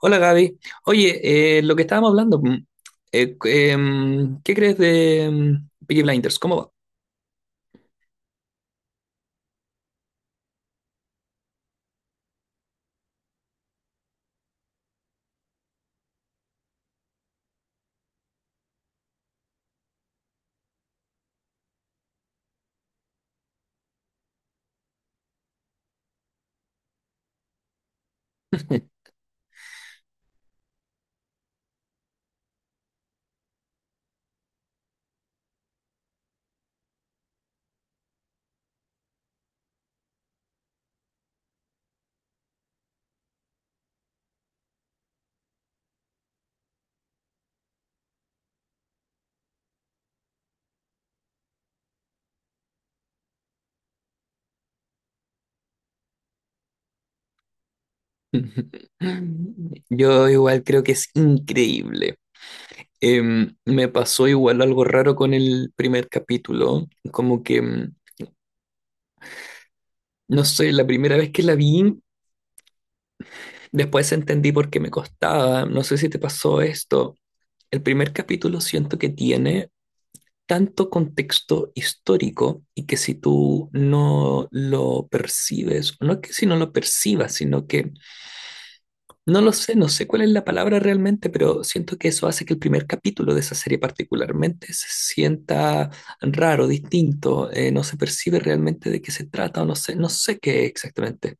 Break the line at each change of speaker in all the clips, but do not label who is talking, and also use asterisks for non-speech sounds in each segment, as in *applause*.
Hola Gaby. Oye, lo que estábamos hablando, ¿qué crees de Peaky Blinders? ¿Cómo va? *laughs* Yo igual creo que es increíble. Me pasó igual algo raro con el primer capítulo, como que, no sé, la primera vez que la vi, después entendí por qué me costaba, no sé si te pasó esto. El primer capítulo siento que tiene tanto contexto histórico y que si tú no lo percibes, no es que si no lo percibas, sino que no lo sé, no sé cuál es la palabra realmente, pero siento que eso hace que el primer capítulo de esa serie particularmente se sienta raro, distinto, no se percibe realmente de qué se trata o no sé, no sé qué exactamente.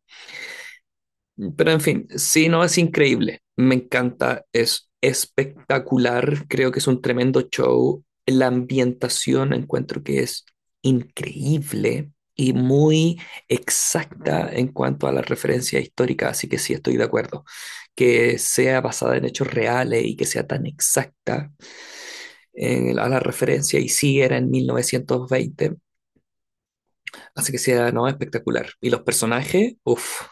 Pero en fin, sí, no, es increíble. Me encanta, es espectacular. Creo que es un tremendo show. La ambientación encuentro que es increíble y muy exacta en cuanto a la referencia histórica, así que sí estoy de acuerdo. Que sea basada en hechos reales y que sea tan exacta en- a la referencia, y sí era en 1920, así que sea, no, espectacular. Y los personajes, uff,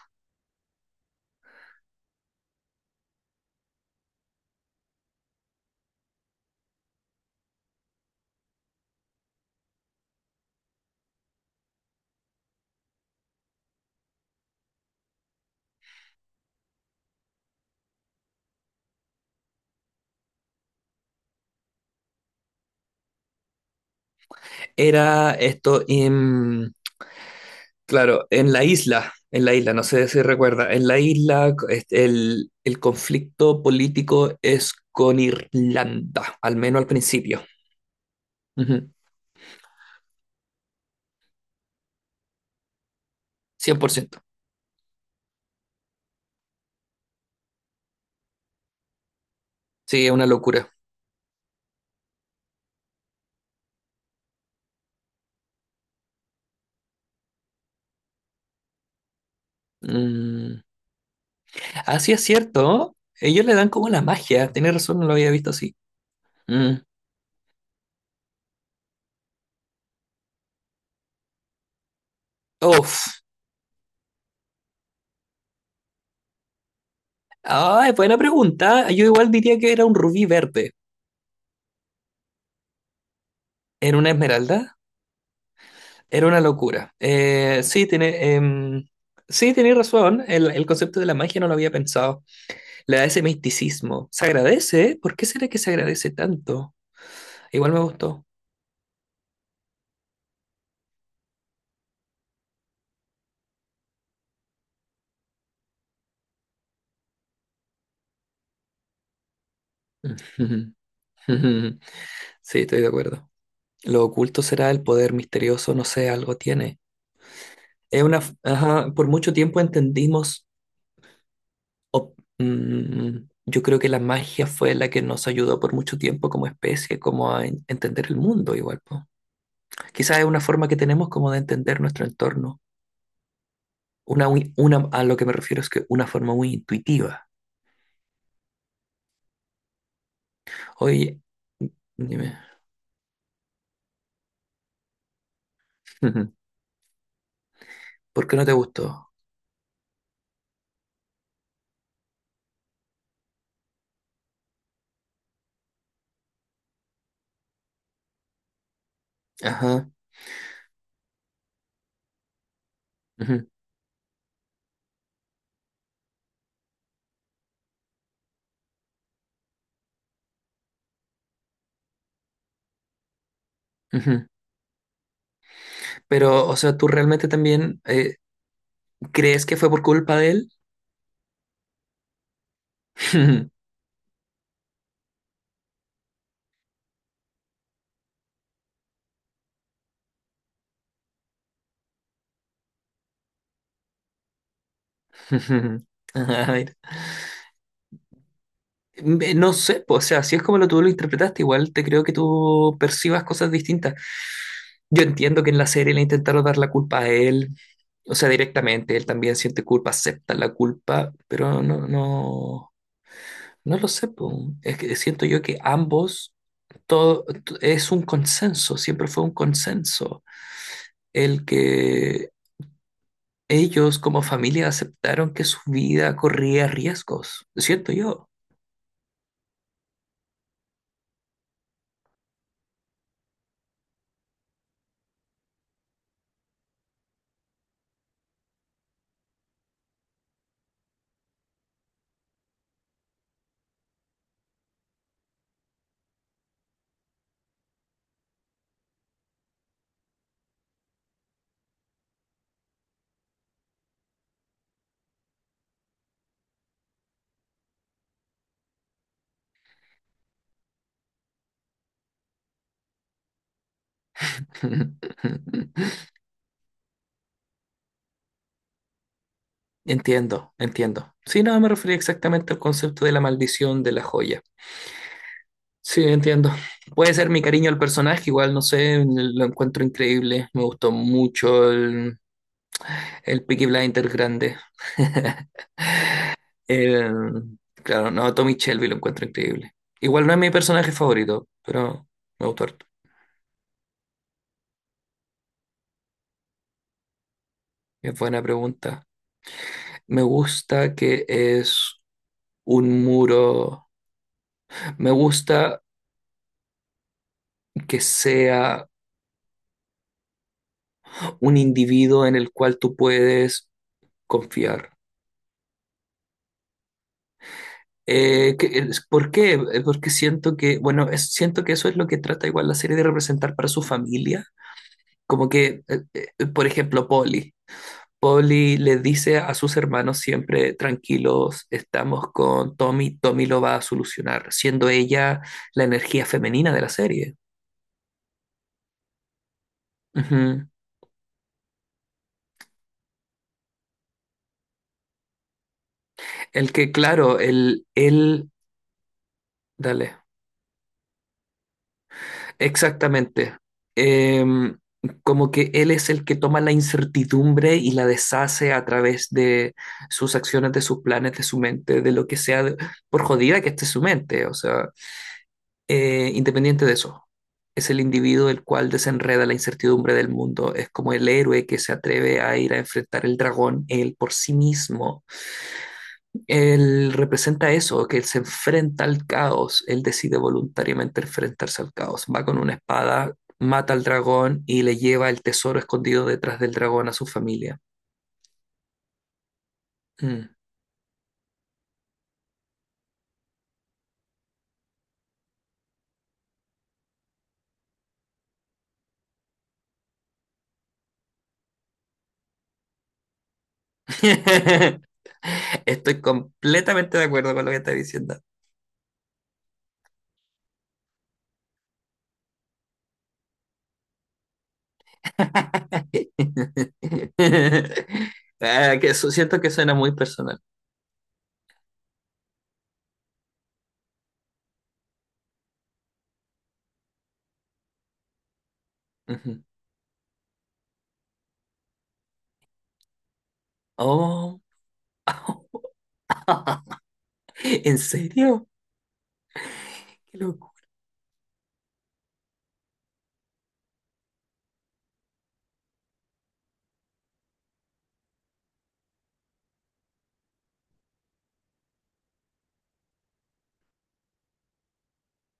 era esto, claro, en la isla, no sé si recuerda, en la isla este, el conflicto político es con Irlanda, al menos al principio. Ujú, cien por ciento. Sí, es una locura. Mm. Ah, sí, es cierto. Ellos le dan como la magia. Tienes razón, no lo había visto así. Mm. Uf. Ay, buena pregunta. Yo igual diría que era un rubí verde. ¿Era una esmeralda? Era una locura. Sí, tiene, sí, tiene razón. El concepto de la magia no lo había pensado. Le da ese misticismo. Se agradece, ¿eh? ¿Por qué será que se agradece tanto? Igual me gustó. *laughs* Sí, estoy de acuerdo. Lo oculto será el poder misterioso, no sé, algo tiene. Es una, f- ajá, por mucho tiempo entendimos, yo creo que la magia fue la que nos ayudó por mucho tiempo como especie, como a en- entender el mundo igual, po. Quizás es una forma que tenemos como de entender nuestro entorno. Una, muy- una, a lo que me refiero es que una forma muy intuitiva. Oye, dime. Ujú. ¿Por qué no te gustó? Ajá. Ujú. Ujú. Pero, o sea, ¿tú realmente también crees que fue por culpa de él? *laughs* Ajá, mira. Me- No sé, po, o sea, si es como lo tú lo interpretaste, igual te creo que tú percibas cosas distintas. Yo entiendo que en la serie le intentaron dar la culpa a él, o sea, directamente, él también siente culpa, acepta la culpa, pero no, no, no lo sé, po. Es que siento yo que ambos, todo, es un consenso, siempre fue un consenso. El que ellos como familia aceptaron que su vida corría riesgos. Siento yo. *laughs* Entiendo, entiendo. Sí, no, me refería exactamente al concepto de la maldición de la joya. Sí, entiendo. Puede ser mi cariño al personaje, igual, no sé, lo encuentro increíble. Me gustó mucho el Peaky Blinders grande. *laughs* El- claro, no, Tommy Shelby lo encuentro increíble. Igual no es mi personaje favorito, pero me gustó harto. Es buena pregunta. Me gusta que es un muro. Me gusta que sea un individuo en el cual tú puedes confiar. ¿Por qué? Porque siento que, bueno, es- siento que eso es lo que trata igual la serie de representar para su familia. Como que, por ejemplo, Polly. Polly le dice a sus hermanos siempre, tranquilos, estamos con Tommy, Tommy lo va a solucionar, siendo ella la energía femenina de la serie. Ujú. El que, claro, él, dale, exactamente. Em, Como que él es el que toma la incertidumbre y la deshace a través de sus acciones, de sus planes, de su mente, de lo que sea, de- por jodida que esté su mente, o sea, independiente de eso. Es el individuo el cual desenreda la incertidumbre del mundo, es como el héroe que se atreve a ir a enfrentar el dragón él por sí mismo. Él representa eso, que él se enfrenta al caos, él decide voluntariamente enfrentarse al caos, va con una espada, mata al dragón y le lleva el tesoro escondido detrás del dragón a su familia. Mm. *laughs* Estoy completamente de acuerdo con lo que está diciendo. *laughs* Ah, que eso- siento que suena muy personal. Ujú. Oh, *laughs* ¿en serio? Qué loco.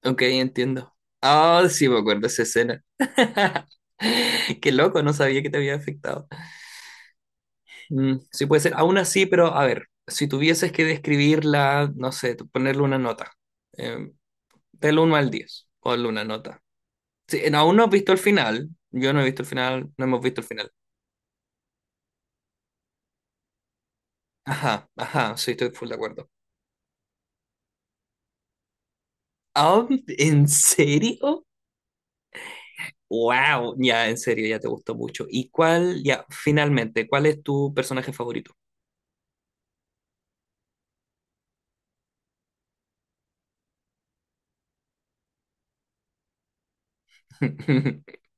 Ok, entiendo. Ah, sí, me acuerdo de esa escena. *laughs* Qué loco, no sabía que te había afectado. Mm, sí puede ser, aún así, pero a ver, si tuvieses que describirla, no sé, tú ponerle una nota, eh, del 1 al 10, ponle una nota. Sí, aún no has visto el final, yo no he visto el final, no hemos visto el final. Ajá, ajá, sí, estoy full de acuerdo. Ah, ¿en serio? Wow, ya, en serio, ya te gustó mucho. ¿Y cuál, ya, finalmente, cuál es tu personaje favorito? *laughs*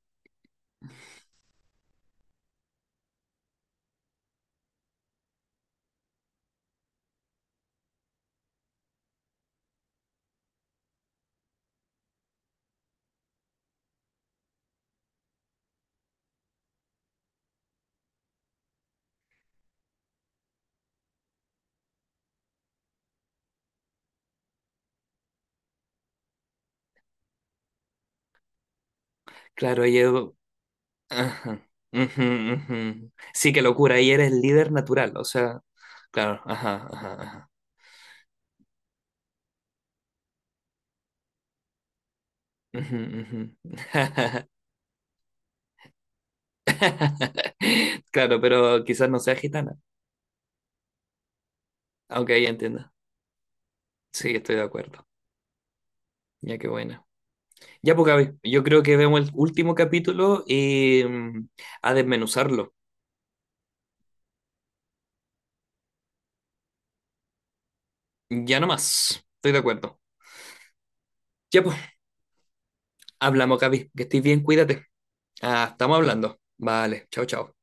Claro, oye. Ajá. Ujú, ujú. Sí, qué locura. Y eres líder natural, o sea, claro, ajá, ajá, ajá. Ujú, ujú. *laughs* Claro, pero quizás no sea gitana. Aunque ahí entiendo. Sí, estoy de acuerdo. Ya, qué buena. Ya, pues, Gaby, yo creo que vemos el último capítulo y a desmenuzarlo. Ya no más. Estoy de acuerdo. Ya, pues, hablamos, Gaby. Que estés bien, cuídate. Ah, estamos hablando. Vale, chao, chao.